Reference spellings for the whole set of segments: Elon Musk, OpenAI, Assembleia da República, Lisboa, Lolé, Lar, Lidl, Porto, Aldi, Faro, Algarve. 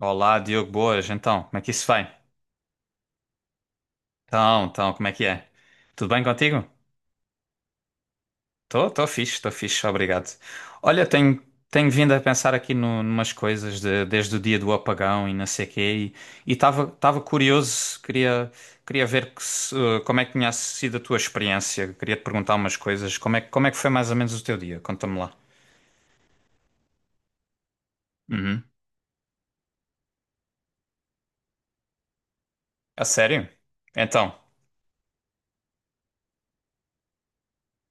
Olá, Diogo, boas. Então, como é que isso vai? Então, como é que é? Tudo bem contigo? Estou fixe, estou fixe, obrigado. Olha, tenho vindo a pensar aqui no, numas coisas desde o dia do apagão e não sei quê, e estava curioso, queria ver que se- como é que tinha sido a tua experiência, queria te perguntar umas coisas, como é, como é que foi mais ou menos o teu dia? Conta-me lá. Uhum. A sério? Então.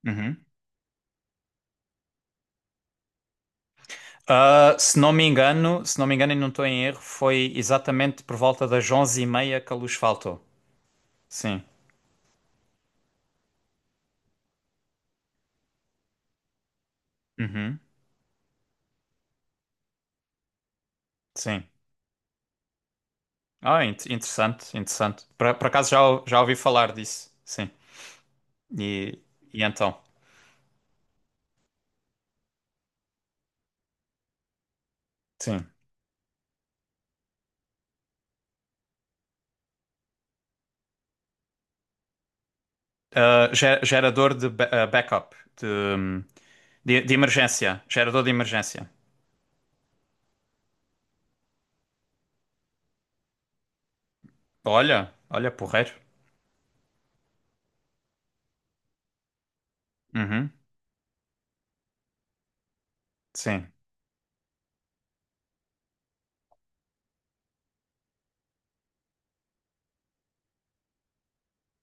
Uhum. Ah, se não me engano, se não me engano e não estou em erro, foi exatamente por volta das onze e meia que a luz faltou. Sim. Uhum. Sim. Ah, interessante, interessante. Por acaso já ouvi falar disso. Sim. E, e então? Sim. Ah, gerador de backup, de, de emergência. Gerador de emergência. Olha, olha, porreiro. Uhum. Sim.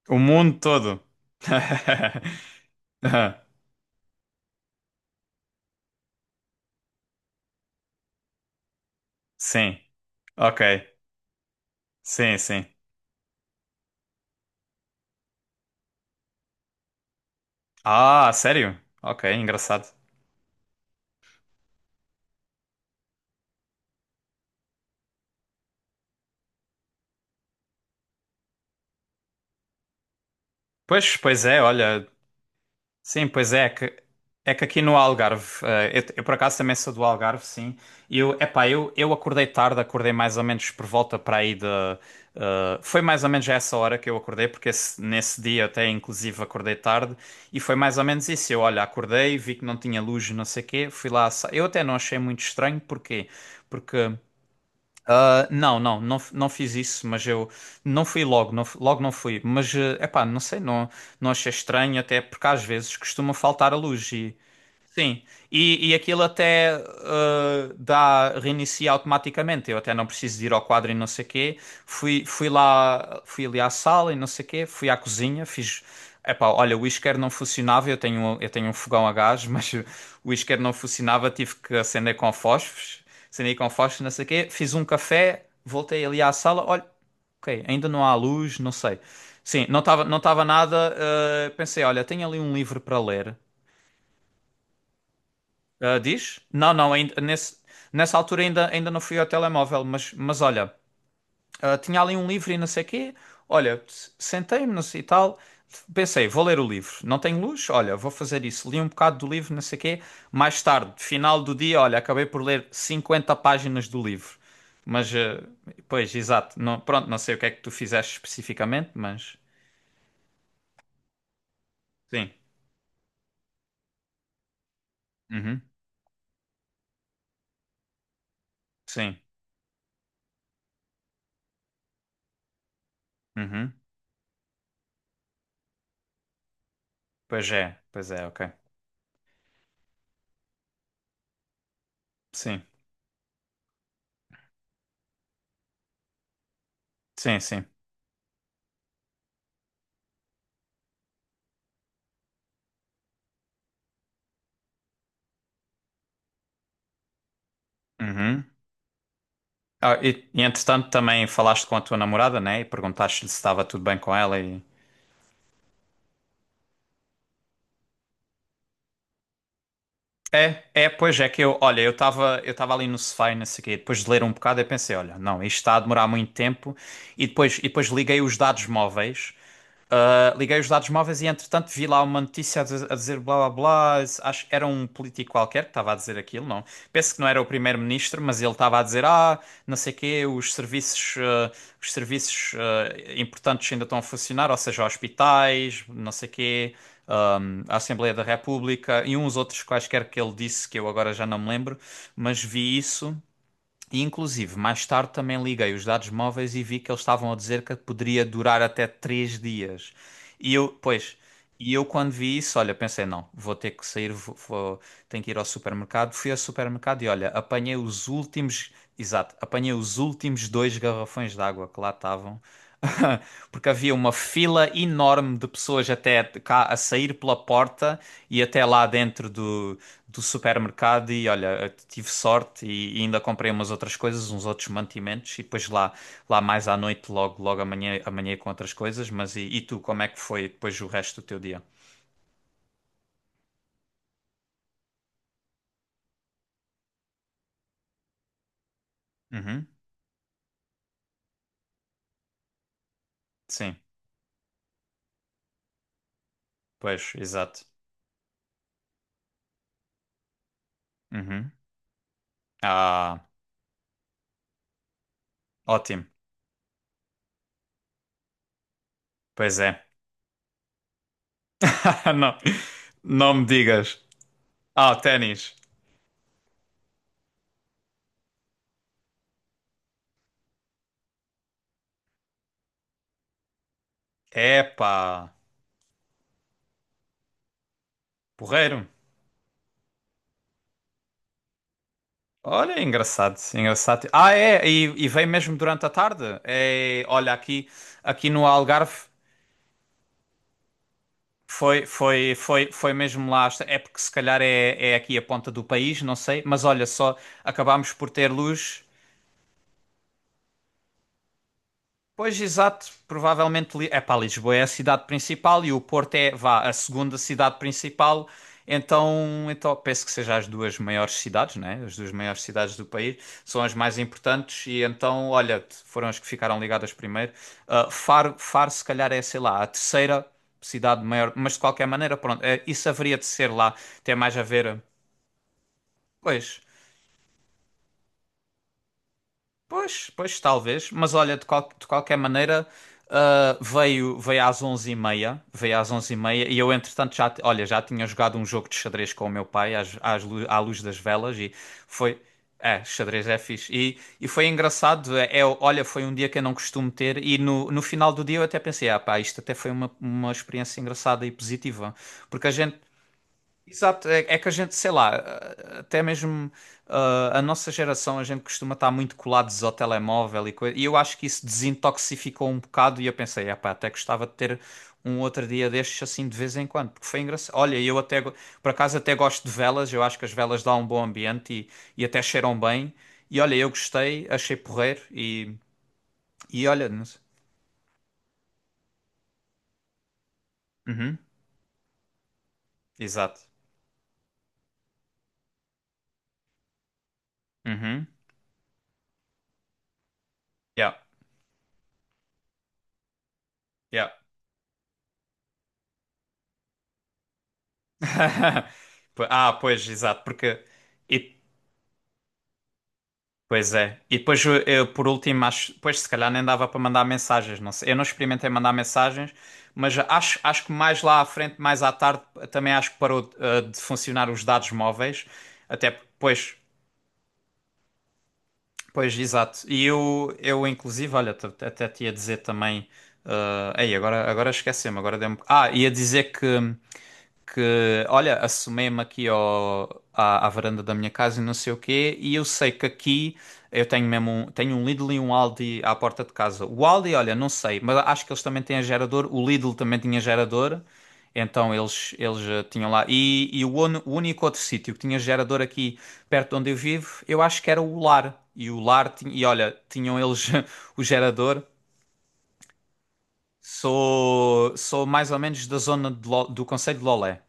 O mundo todo. Sim. Ok. Sim, sim. Ah, sério? Ok, engraçado. Pois, pois é, olha. Sim, pois é, é que aqui no Algarve, eu por acaso também sou do Algarve, sim. E eu, epá, eu acordei tarde, acordei mais ou menos por volta para aí de. Foi mais ou menos a essa hora que eu acordei, porque nesse dia até inclusive acordei tarde, e foi mais ou menos isso. Eu, olha, acordei, vi que não tinha luz, não sei o quê, fui lá. Eu até não achei muito estranho, porquê? Porque. Ah, não, não fiz isso, mas eu não fui logo, não fui. Mas, é epá, não sei, não, não achei estranho, até porque às vezes costuma faltar a luz. Sim, e aquilo até reinicia automaticamente. Eu até não preciso de ir ao quadro e não sei quê. Fui lá, fui ali à sala e não sei quê. Fui à cozinha, fiz. Epá, olha, o isqueiro não funcionava. Eu tenho um fogão a gás, mas o isqueiro não funcionava. Tive que acender com fósforos, acendi com fósforos, não sei quê. Fiz um café, voltei ali à sala. Olha, ok, ainda não há luz, não sei. Sim, não estava nada. Ah, pensei, olha, tenho ali um livro para ler. Ah, diz? Não, não, ainda, nesse, nessa altura ainda, ainda não fui ao telemóvel, mas olha, ah, tinha ali um livro e não sei o quê. Olha, sentei-me não sei e tal, pensei, vou ler o livro. Não tenho luz? Olha, vou fazer isso. Li um bocado do livro, não sei o quê. Mais tarde, final do dia, olha, acabei por ler 50 páginas do livro. Mas, ah, pois, exato. Não, pronto, não sei o que é que tu fizeste especificamente, mas. Sim. Uhum. Sim. Uhum. Pois é, ok. Sim, sim, sim. Uhum. Ah, e entretanto também falaste com a tua namorada, né? E perguntaste-lhe se estava tudo bem com ela e... É, é, pois é que eu, olha, eu estava ali no sofá e não sei o quê, e depois de ler um bocado eu pensei, olha, não, isto está a demorar muito tempo e depois liguei os dados móveis. Liguei os dados móveis e, entretanto, vi lá uma notícia a dizer blá blá blá. Acho que era um político qualquer que estava a dizer aquilo, não? Penso que não era o primeiro-ministro, mas ele estava a dizer: Ah, não sei o quê, os serviços importantes ainda estão a funcionar, ou seja, hospitais, não sei o quê, a Assembleia da República e uns outros quaisquer que ele disse que eu agora já não me lembro, mas vi isso. E inclusive, mais tarde também liguei os dados móveis e vi que eles estavam a dizer que poderia durar até três dias. E eu, pois, e eu quando vi isso, olha, pensei, não, vou ter que sair, tenho que ir ao supermercado. Fui ao supermercado e olha, exato, apanhei os últimos dois garrafões de água que lá estavam. Porque havia uma fila enorme de pessoas até cá a sair pela porta e até lá dentro do supermercado e olha, tive sorte e ainda comprei umas outras coisas, uns outros mantimentos e depois lá mais à noite, logo amanhã, amanhã com outras coisas. Mas e tu, como é que foi depois o resto do teu dia? Uhum, sim, pois, exato. Uhum. Ah, ótimo. Pois é. Não, não me digas. Ah, ténis. Epá, porreiro. Olha, engraçado, engraçado. Ah, é, e vem mesmo durante a tarde. É, olha, aqui, aqui no Algarve. Foi, foi, foi, foi mesmo lá. É porque se calhar é, é aqui a ponta do país, não sei. Mas olha só, acabámos por ter luz. Pois, exato. Provavelmente, é pá, Lisboa é a cidade principal e o Porto é, vá, a segunda cidade principal. Então, então penso que sejam as duas maiores cidades, né? As duas maiores cidades do país são as mais importantes e então, olha, foram as que ficaram ligadas primeiro. Ah, Faro, Faro, se calhar é, sei lá, a terceira cidade maior, mas de qualquer maneira, pronto, isso haveria de ser lá, tem mais a ver, pois. Pois, pois, talvez. Mas olha, de qualquer maneira, ah, veio às onze e meia. Veio às onze e meia e eu, entretanto, olha, já tinha jogado um jogo de xadrez com o meu pai à luz das velas e foi. É, xadrez é fixe. E foi engraçado. É, é, olha, foi um dia que eu não costumo ter e no final do dia eu até pensei, ah pá, isto até foi uma experiência engraçada e positiva. Porque a gente. Exato, é, é que a gente, sei lá, até mesmo a nossa geração, a gente costuma estar muito colados ao telemóvel e coisa, e eu acho que isso desintoxificou um bocado e eu pensei, epá, até gostava de ter um outro dia destes assim de vez em quando, porque foi engraçado. Olha, por acaso até gosto de velas, eu acho que as velas dão um bom ambiente e até cheiram bem, e olha, eu gostei, achei porreiro e olha, não sei. Uhum, exato. Uhum, yeah, yeah. Ah, pois, exato, porque... E pois é. E depois, eu, por último, acho, pois se calhar nem dava para mandar mensagens, não sei. Eu não experimentei mandar mensagens, mas acho, acho que mais lá à frente, mais à tarde, também acho que parou, de funcionar os dados móveis. Até porque, pois, pois, exato. E eu inclusive, olha, até te ia dizer também. Agora esqueci-me, agora dei-me. Ah, ia dizer que olha, assomei-me aqui à varanda da minha casa e não sei o quê, e eu sei que aqui eu tenho mesmo um, tenho um Lidl e um Aldi à porta de casa. O Aldi, olha, não sei, mas acho que eles também têm gerador, o Lidl também tinha gerador. Então eles tinham lá. E, o único outro sítio que tinha gerador aqui perto de onde eu vivo, eu acho que era o Lar. E o Lar, tinha, e olha, tinham eles o gerador. Sou, sou mais ou menos da zona do Conselho de Lolé.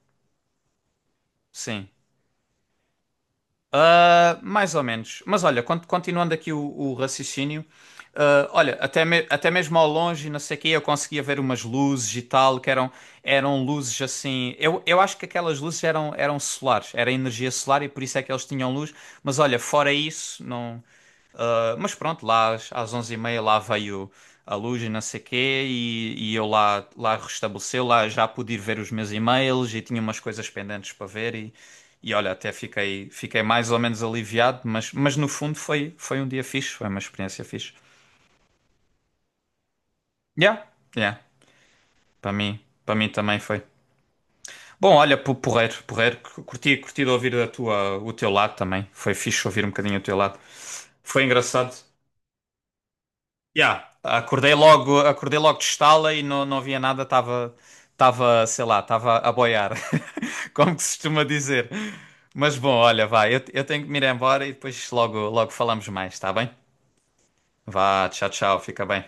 Sim. Ah, mais ou menos. Mas olha, continuando aqui o raciocínio, ah, olha, até mesmo ao longe, não sei o quê, eu conseguia ver umas luzes e tal, eram luzes assim. Eu acho que aquelas luzes eram solares, era energia solar e por isso é que eles tinham luz. Mas olha, fora isso, não. Mas pronto, lá às 11h30 lá veio a luz e não sei quê, e eu lá, lá restabeleceu, lá já pude ir ver os meus e-mails e tinha umas coisas pendentes para ver e olha, fiquei mais ou menos aliviado, mas no fundo foi, foi um dia fixe, foi uma experiência fixe. Yeah, yeah, para mim também foi. Bom, olha, porreiro, porreiro, curti, curti de ouvir a tua, o teu lado também, foi fixe ouvir um bocadinho o teu lado. Foi engraçado. Yeah. Acordei logo de estala e não, não havia nada, estava, sei lá, estava a boiar, como que se costuma dizer. Mas bom, olha, vai, eu tenho que me ir embora e depois logo, logo falamos mais, tá bem? Vá, tchau, tchau, fica bem.